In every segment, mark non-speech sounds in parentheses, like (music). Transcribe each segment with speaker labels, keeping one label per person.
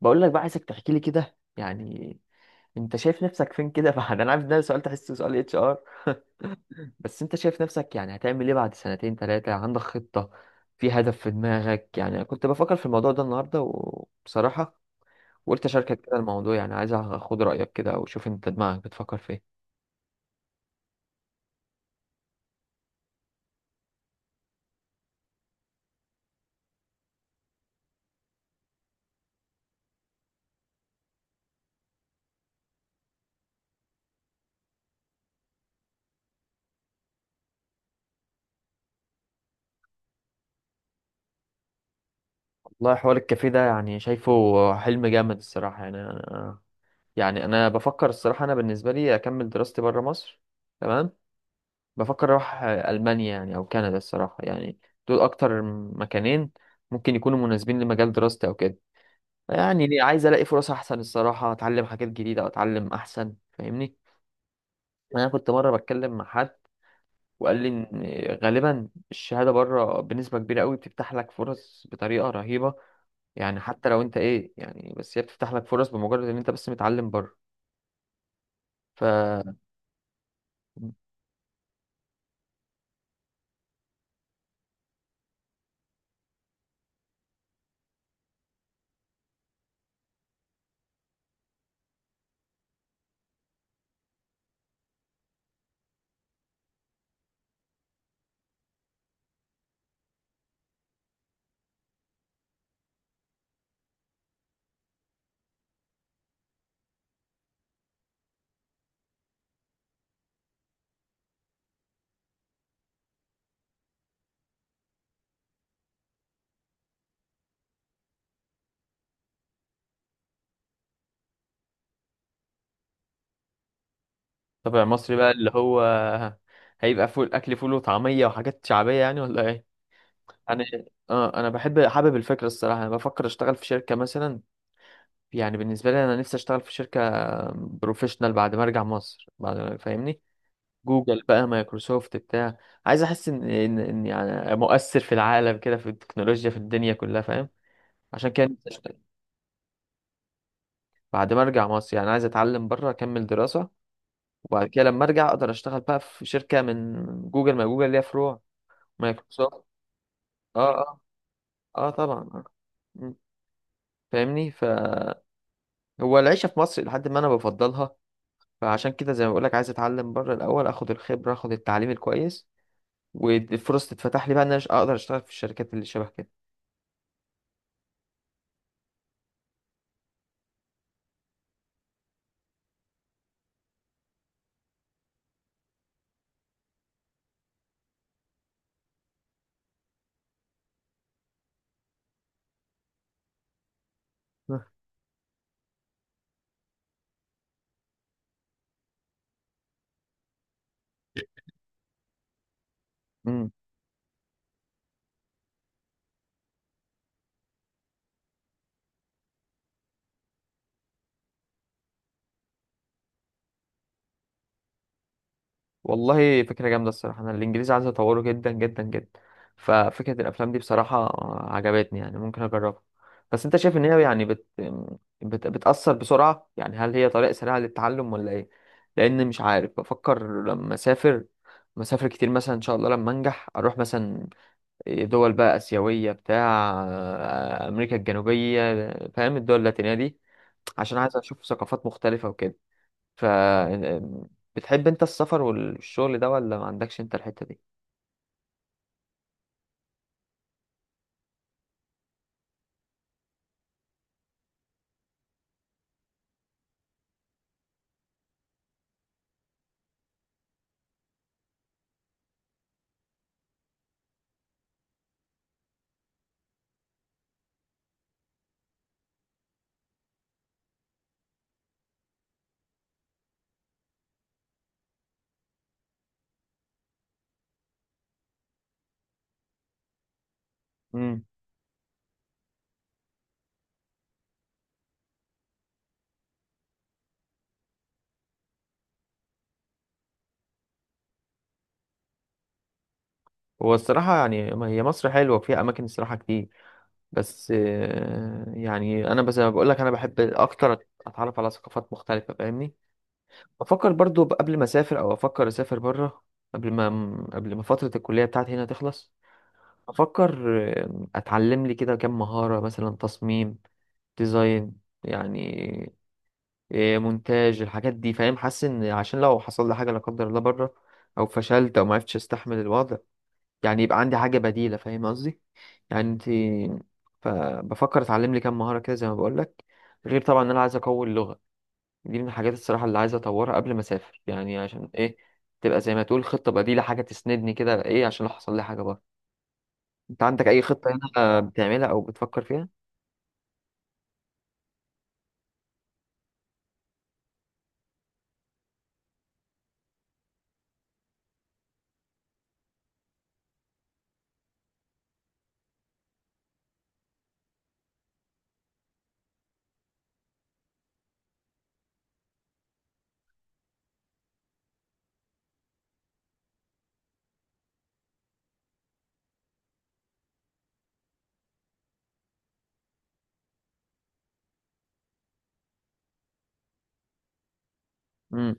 Speaker 1: بقول لك بقى عايزك تحكي لي كده يعني. انت شايف نفسك فين كده؟ (laughs) بعد، انا عارف ان ده سؤال تحسه سؤال اتش ار. (laughs) بس انت شايف نفسك، يعني هتعمل ايه بعد سنتين ثلاثة؟ عندك خطة؟ في هدف في دماغك؟ يعني أنا كنت بفكر في الموضوع ده النهاردة، وبصراحة وقلت اشاركك كده الموضوع، يعني عايز اخد رأيك كده وشوف انت دماغك بتفكر في ايه. والله حوار الكافيه ده يعني شايفه حلم جامد الصراحة. يعني انا بفكر الصراحة، انا بالنسبة لي اكمل دراستي بره مصر. تمام. بفكر اروح المانيا يعني او كندا الصراحه، يعني دول اكتر مكانين ممكن يكونوا مناسبين لمجال دراستي او كده. يعني ليه؟ عايز الاقي فرص احسن الصراحه، اتعلم حاجات جديده او اتعلم احسن، فاهمني؟ انا كنت مره بتكلم مع حد وقال لي ان غالبا الشهاده بره بنسبه كبيره قوي بتفتح لك فرص بطريقه رهيبه، يعني حتى لو انت ايه، يعني بس هي بتفتح لك فرص بمجرد ان انت بس متعلم بره. ف، طبع مصري بقى اللي هو هيبقى فول، اكل فول وطعميه وحاجات شعبيه يعني، ولا ايه؟ انا، اه انا بحب، حابب الفكره الصراحه. انا بفكر اشتغل في شركه مثلا، يعني بالنسبه لي انا نفسي اشتغل في شركه بروفيشنال بعد ما ارجع مصر، بعد ما، فاهمني؟ جوجل بقى، مايكروسوفت، بتاع. عايز احس ان يعني مؤثر في العالم كده، في التكنولوجيا، في الدنيا كلها، فاهم؟ عشان كده نفسي اشتغل. بعد ما ارجع مصر، يعني عايز اتعلم بره، اكمل دراسه، وبعد كده لما ارجع اقدر اشتغل بقى في شركه من جوجل، ما جوجل ليها فروع. مايكروسوفت. اه، اه، اه طبعا، آه. م. فاهمني. ف، هو العيشة في مصر لحد ما أنا بفضلها، فعشان كده زي ما بقولك عايز أتعلم بره الأول، أخد الخبرة، أخد التعليم الكويس، والفرص تتفتح لي بقى إن أنا أقدر أشتغل في الشركات اللي شبه كده. امم. والله فكرة جامدة الصراحة، أنا الإنجليزي عايز أطوره جدا جدا جدا. ففكرة الأفلام دي بصراحة عجبتني، يعني ممكن أجربها. بس أنت شايف إن هي يعني بتأثر بسرعة؟ يعني هل هي طريقة سريعة للتعلم ولا إيه؟ لأن مش عارف، بفكر لما أسافر، مسافر كتير مثلا إن شاء الله لما أنجح، أروح مثلا دول بقى آسيوية، بتاع أمريكا الجنوبية، فاهم؟ الدول اللاتينية دي، عشان عايز أشوف ثقافات مختلفة وكده. ف، بتحب أنت السفر والشغل ده ولا ما عندكش أنت الحتة دي؟ مم. هو الصراحة يعني ما هي مصر حلوة وفيها أماكن الصراحة كتير، بس يعني أنا بس بقول لك، أنا بحب أكتر أتعرف على ثقافات مختلفة، فاهمني؟ بفكر برضو قبل ما أسافر، أو أفكر أسافر بره، قبل ما قبل ما فترة الكلية بتاعتي هنا تخلص، افكر اتعلم لي كده كام مهارة، مثلا تصميم، ديزاين يعني، مونتاج، الحاجات دي، فاهم؟ حاسس ان عشان لو حصل لي حاجة لا قدر الله بره، او فشلت، او ما عرفتش استحمل الوضع، يعني يبقى عندي حاجة بديلة، فاهم قصدي يعني؟ انت، فبفكر اتعلم لي كام مهارة كده، زي ما بقول لك، غير طبعا ان انا عايز اقوي اللغة. دي من الحاجات الصراحة اللي عايز اطورها قبل ما اسافر، يعني عشان ايه، تبقى زي ما تقول خطة بديلة، حاجة تسندني كده، ايه، عشان لو حصل لي حاجة بره. انت عندك اي خطة هنا بتعملها او بتفكر فيها؟ امم.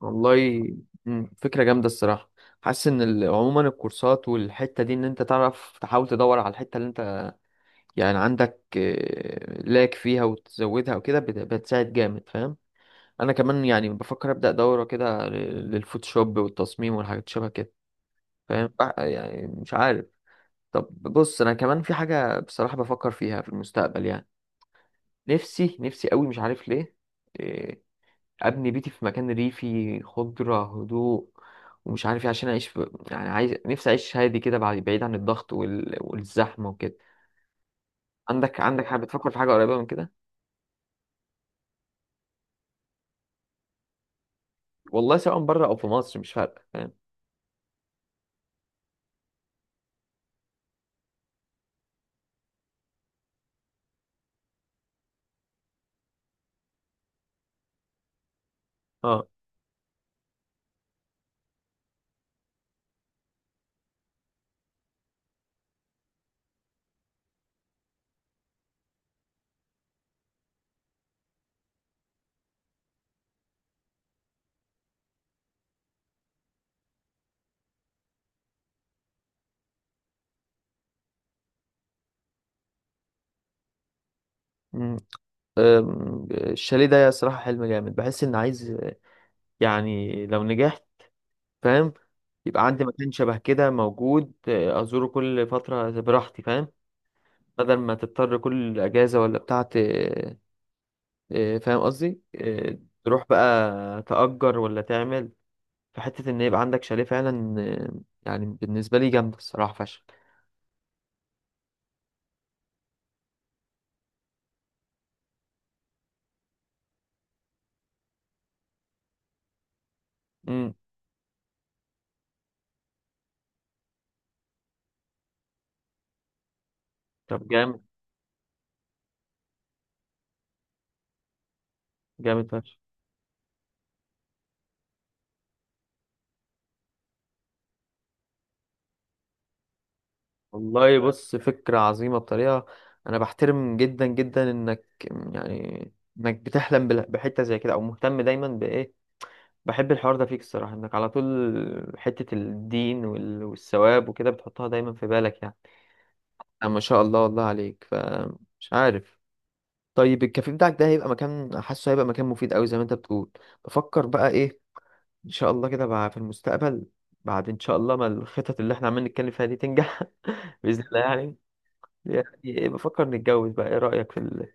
Speaker 1: والله. امم، فكرة جامدة الصراحة. حاسس ان عموما الكورسات والحتة دي، ان انت تعرف تحاول تدور على الحتة اللي انت يعني عندك لاك فيها، وتزودها وكده بتساعد جامد، فاهم؟ انا كمان يعني بفكر ابدأ دورة كده للفوتوشوب والتصميم والحاجات شبه كده، فاهم يعني؟ مش عارف. طب بص، انا كمان في حاجة بصراحة بفكر فيها في المستقبل، يعني نفسي نفسي قوي مش عارف ليه، آه، ابني بيتي في مكان ريفي، خضره، هدوء، ومش عارف ايه، عشان اعيش يعني عايز نفسي اعيش هادي كده، بعد، بعيد عن الضغط والزحمه وكده. عندك، عندك حاجه بتفكر في حاجه قريبه من كده؟ والله سواء بره او في مصر مش فارقه، فاهم؟ اه. أمم. الشاليه ده صراحة حلم جامد، بحس ان عايز، يعني لو نجحت، فاهم؟ يبقى عندي مكان شبه كده موجود، أزوره كل فترة براحتي، فاهم؟ بدل ما تضطر كل أجازة ولا بتاعة، إيه، فاهم قصدي إيه؟ تروح بقى تأجر، ولا تعمل، فحتة ان يبقى عندك شاليه فعلا يعني بالنسبة لي جامدة الصراحة فشخ. امم. طب جامد. جامد فشخ. والله بص، فكرة عظيمة بطريقة، انا بحترم جدا جدا انك، يعني انك بتحلم بحتة زي كده، او مهتم دايما بايه، بحب الحوار ده فيك الصراحة. انك على طول حتة الدين والثواب وكده بتحطها دايما في بالك يعني. ما شاء الله والله عليك، فمش عارف. طيب الكافيه بتاعك ده هيبقى مكان، حاسه هيبقى مكان مفيد قوي زي ما انت بتقول. بفكر بقى ايه، ان شاء الله كده بقى في المستقبل، بعد ان شاء الله ما الخطط اللي احنا عمالين نتكلم فيها دي تنجح، (laughs) باذن الله يعني، يعني إيه، بفكر نتجوز بقى، ايه رايك في ال...؟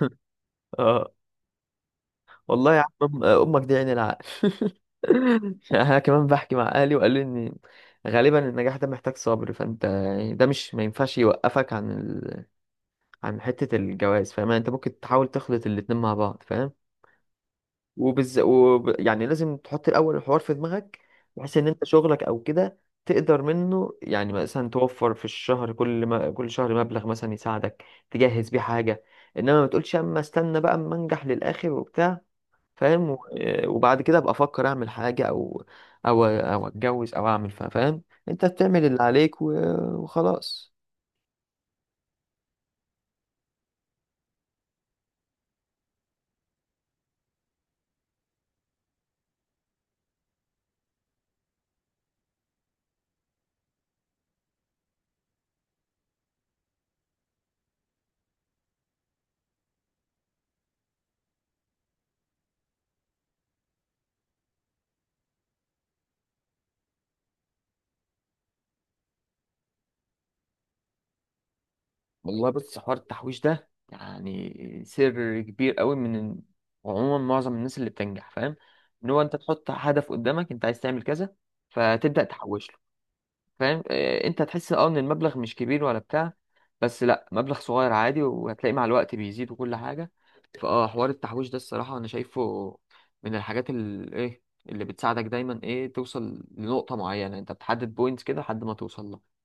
Speaker 1: (laughs) اه، والله يا عم، امك دي عين العقل. (laughs) انا كمان بحكي مع اهلي، وقالوا لي ان غالبا النجاح ده محتاج صبر، فانت يعني ده مش، ما ينفعش يوقفك عن ال...، عن حتة الجواز، فاهم يعني؟ انت ممكن تحاول تخلط الاتنين مع بعض، فاهم؟ يعني لازم تحط الأول الحوار في دماغك، بحيث إن أنت شغلك أو كده تقدر منه، يعني مثلا توفر في الشهر كل ما... كل شهر مبلغ مثلا يساعدك تجهز بيه حاجة. إنما ما تقولش أما استنى بقى أما أنجح للآخر وبتاع، فاهم؟ و، وبعد كده أبقى أفكر أعمل حاجة، أو أتجوز، أو أعمل فاهم؟ أنت بتعمل اللي عليك، و، وخلاص. والله بص، حوار التحويش ده يعني سر كبير قوي من، عموما معظم الناس اللي بتنجح، فاهم؟ ان هو انت تحط هدف قدامك، انت عايز تعمل كذا، فتبدأ تحوش له، فاهم؟ انت هتحس، اه، ان المبلغ مش كبير ولا بتاع، بس لا، مبلغ صغير عادي وهتلاقي مع الوقت بيزيد وكل حاجة. فاه، حوار التحويش ده الصراحة انا شايفه من الحاجات اللي ايه، اللي بتساعدك دايما ايه، توصل لنقطة معينة، انت بتحدد بوينتس كده لحد ما توصل لها.